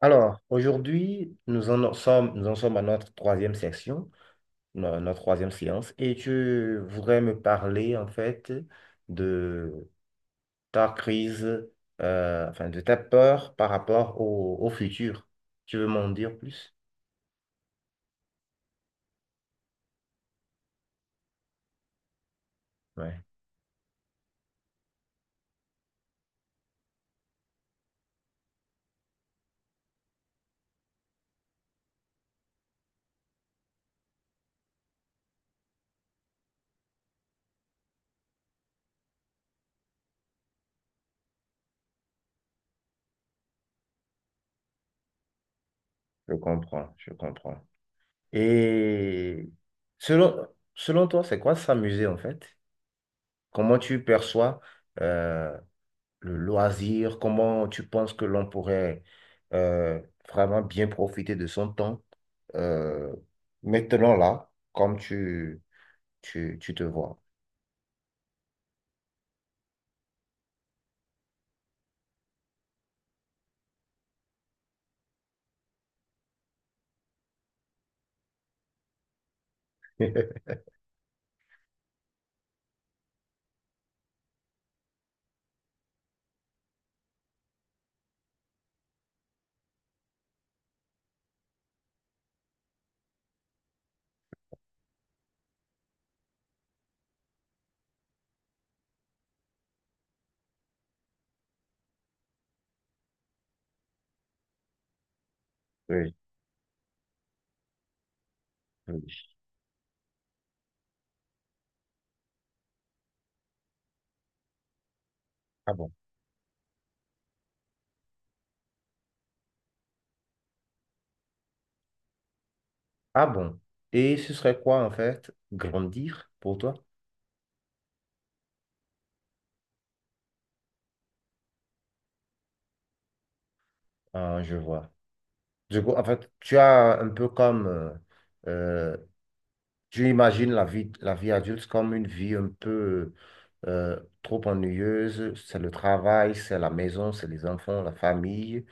Alors, aujourd'hui, nous en sommes à notre troisième section, notre troisième séance, et tu voudrais me parler en fait de ta crise, enfin de ta peur par rapport au futur. Tu veux m'en dire plus? Ouais, je comprends, je comprends. Et selon, selon toi, c'est quoi s'amuser en fait? Comment tu perçois euh, le loisir, comment tu penses que l'on pourrait euh, vraiment bien profiter de son temps euh, maintenant là, comme tu te vois. Oui, oui. Ah bon. Ah bon. Et ce serait quoi en fait grandir pour toi? Ah, je vois. Du coup, en fait, tu as un peu comme euh, tu imagines la vie adulte comme une vie un peu trop ennuyeuse, c'est le travail, c'est la maison, c'est les enfants, la famille,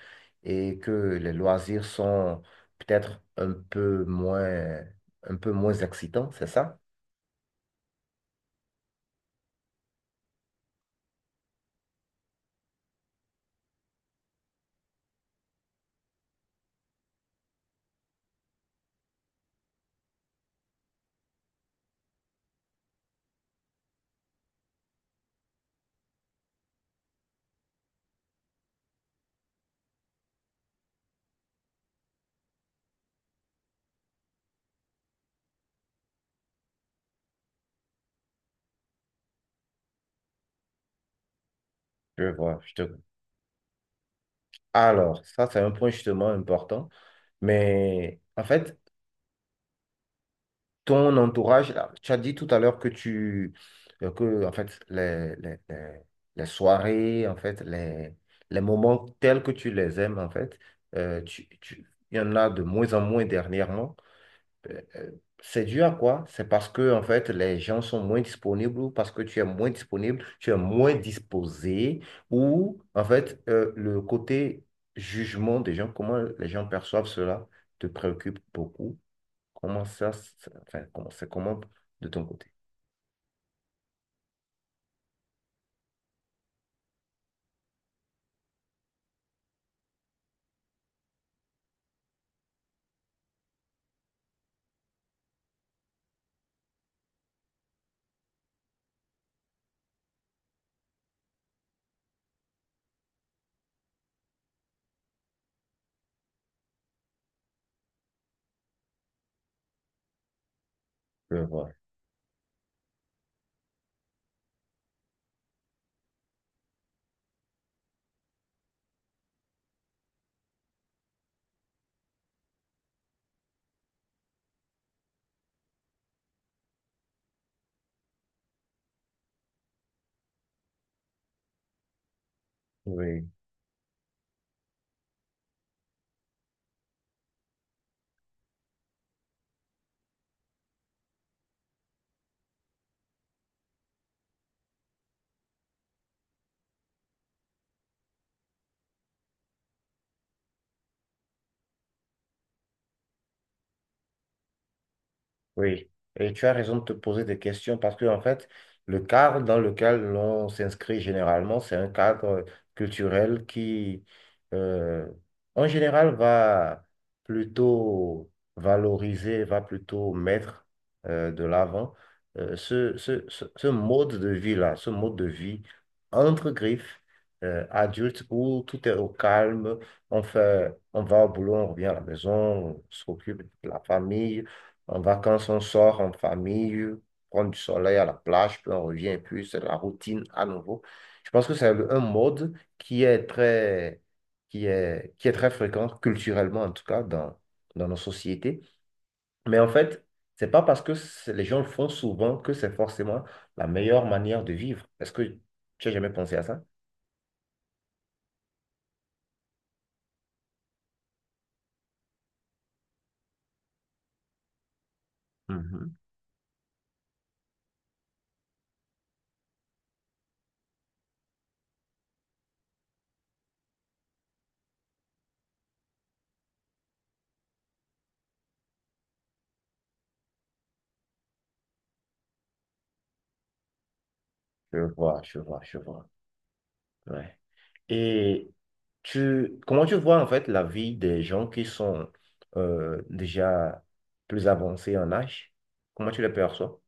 et que les loisirs sont peut-être un peu moins excitants, c'est ça? Je vois, je te... Alors, ça, c'est un point justement important, mais en fait, ton entourage, là, tu as dit tout à l'heure que que, en fait, les soirées, en fait, les moments tels que tu les aimes, en fait, il y en a de moins en moins dernièrement. Euh, euh, c'est dû à quoi? C'est parce que, en fait, les gens sont moins disponibles ou parce que tu es moins disponible, tu es moins disposé ou, en fait, le côté jugement des gens, comment les gens perçoivent cela, te préoccupe beaucoup. Comment ça, enfin, comment c'est comment de ton côté? Je vois. Oui. Oui, et tu as raison de te poser des questions parce que, en fait, le cadre dans lequel l'on s'inscrit généralement, c'est un cadre culturel qui, euh, en général, va plutôt valoriser, va plutôt mettre de l'avant ce mode de vie-là, ce mode de vie entre griffes, adulte, où tout est au calme, on fait, on va au boulot, on revient à la maison, on s'occupe de la famille. En vacances, on sort en famille, prendre du soleil à la plage, puis on revient, puis c'est la routine à nouveau. Je pense que c'est un mode qui est très fréquent culturellement, en tout cas, dans nos sociétés. Mais en fait, c'est pas parce que les gens le font souvent que c'est forcément la meilleure manière de vivre. Est-ce que tu as jamais pensé à ça? Mhm. Je vois, je vois, je vois. Ouais. Et comment tu vois en fait la vie des gens qui sont déjà plus avancés en âge? Comment tu les perçois?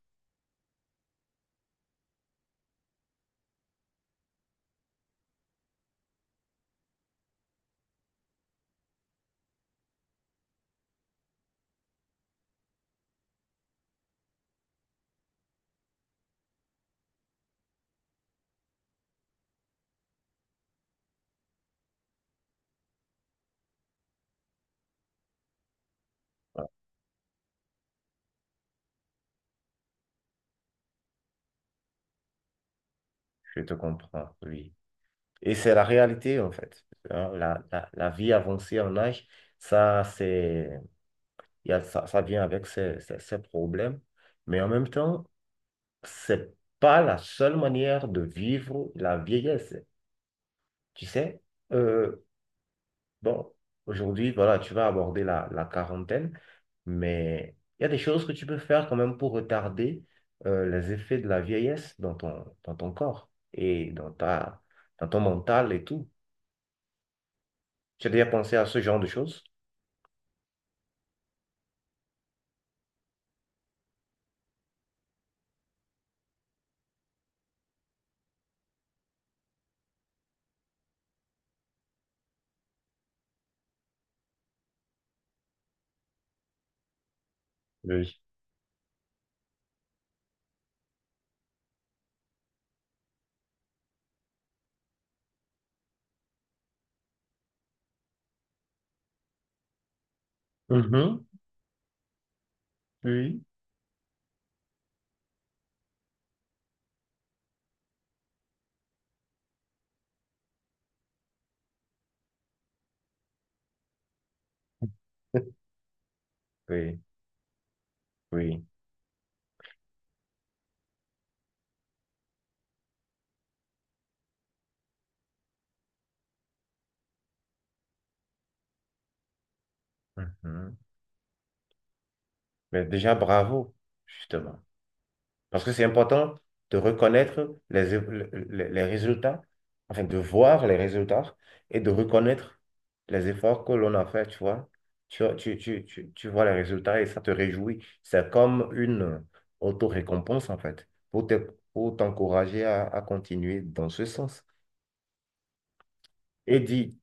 Je te comprends, oui. Et c'est la réalité en fait. Hein, la vie avancée en âge, ça, c'est, ça ça vient avec ses problèmes. Mais en même temps, c'est pas la seule manière de vivre la vieillesse. Tu sais, euh, bon, aujourd'hui, voilà, tu vas aborder la quarantaine, mais il y a des choses que tu peux faire quand même pour retarder les effets de la vieillesse dans dans ton corps et dans dans ton mental et tout. Tu as déjà pensé à ce genre de choses? Oui. Mhm. Oui. Oui, oui. Mhm. Mais déjà, bravo, justement. Parce que c'est important de reconnaître les résultats, enfin de voir les résultats et de reconnaître les efforts que l'on a fait, tu vois. Tu vois les résultats et ça te réjouit. C'est comme une auto-récompense, en fait, pour t'encourager à continuer dans ce sens. Et dit,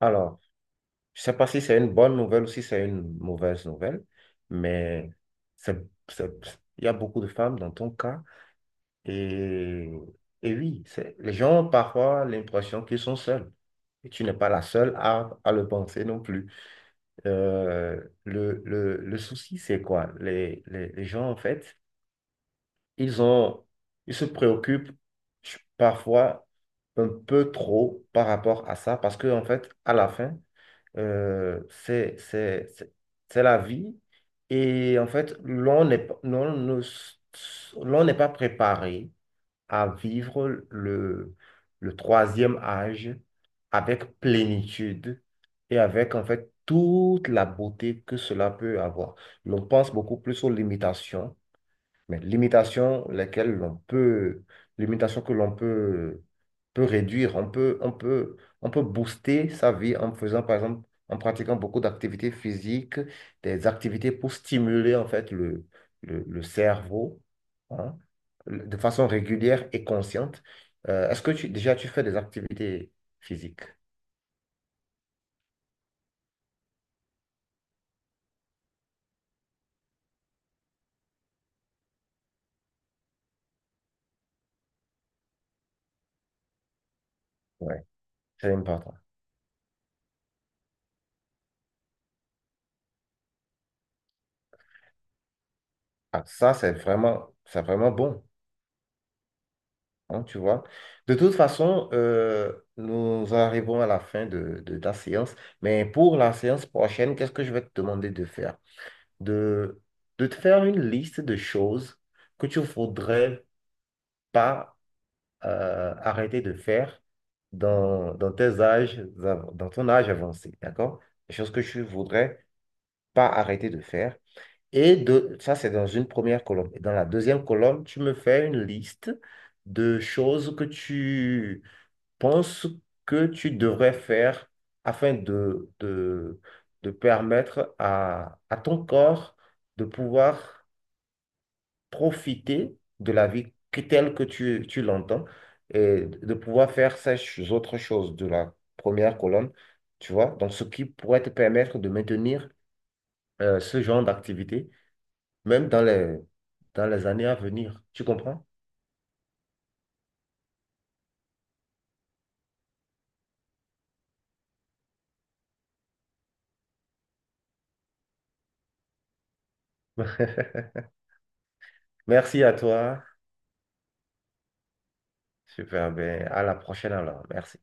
alors, je ne sais pas si c'est une bonne nouvelle ou si c'est une mauvaise nouvelle, mais c'est, c'est- il y a beaucoup de femmes dans ton cas. Et, et oui, les gens ont parfois l'impression qu'ils sont seuls. Et tu n'es pas la seule à le penser non plus. Le souci, c'est quoi? Les gens, en fait, ils ont, ils se préoccupent parfois un peu trop par rapport à ça, parce que, en fait, à la fin, euh, c'est, c'est, c'est c'est la vie. Et en fait, l'on n'est pas préparé à vivre le troisième âge avec plénitude et avec en fait toute la beauté que cela peut avoir. Mais on pense beaucoup plus aux limitations mais limitations lesquelles limitations que peut réduire. On peut booster sa vie en faisant, par exemple, en pratiquant beaucoup d'activités physiques, des activités pour stimuler en fait le cerveau, hein, de façon régulière et consciente. Est-ce que déjà tu fais des activités physiques? Ouais, c'est important. Ah, ça, c'est vraiment bon. Hein, tu vois. De toute façon, nous arrivons à la fin de ta séance. Mais pour la séance prochaine, qu'est-ce que je vais te demander de faire? De, de te faire une liste de choses que tu ne voudrais pas arrêter de faire dans tes dans ton âge avancé, d'accord? Des choses que tu ne voudrais pas arrêter de faire. Et de, ça, c'est dans une première colonne. Et dans la deuxième colonne, tu me fais une liste de choses que tu penses que tu devrais faire afin de permettre à ton corps de pouvoir profiter de la vie telle que tu l'entends et de pouvoir faire ces autres choses de la première colonne, tu vois? Donc, ce qui pourrait te permettre de maintenir ce genre d'activité, même dans dans les années à venir. Tu comprends? Merci à toi. Super, ben à la prochaine alors. Merci.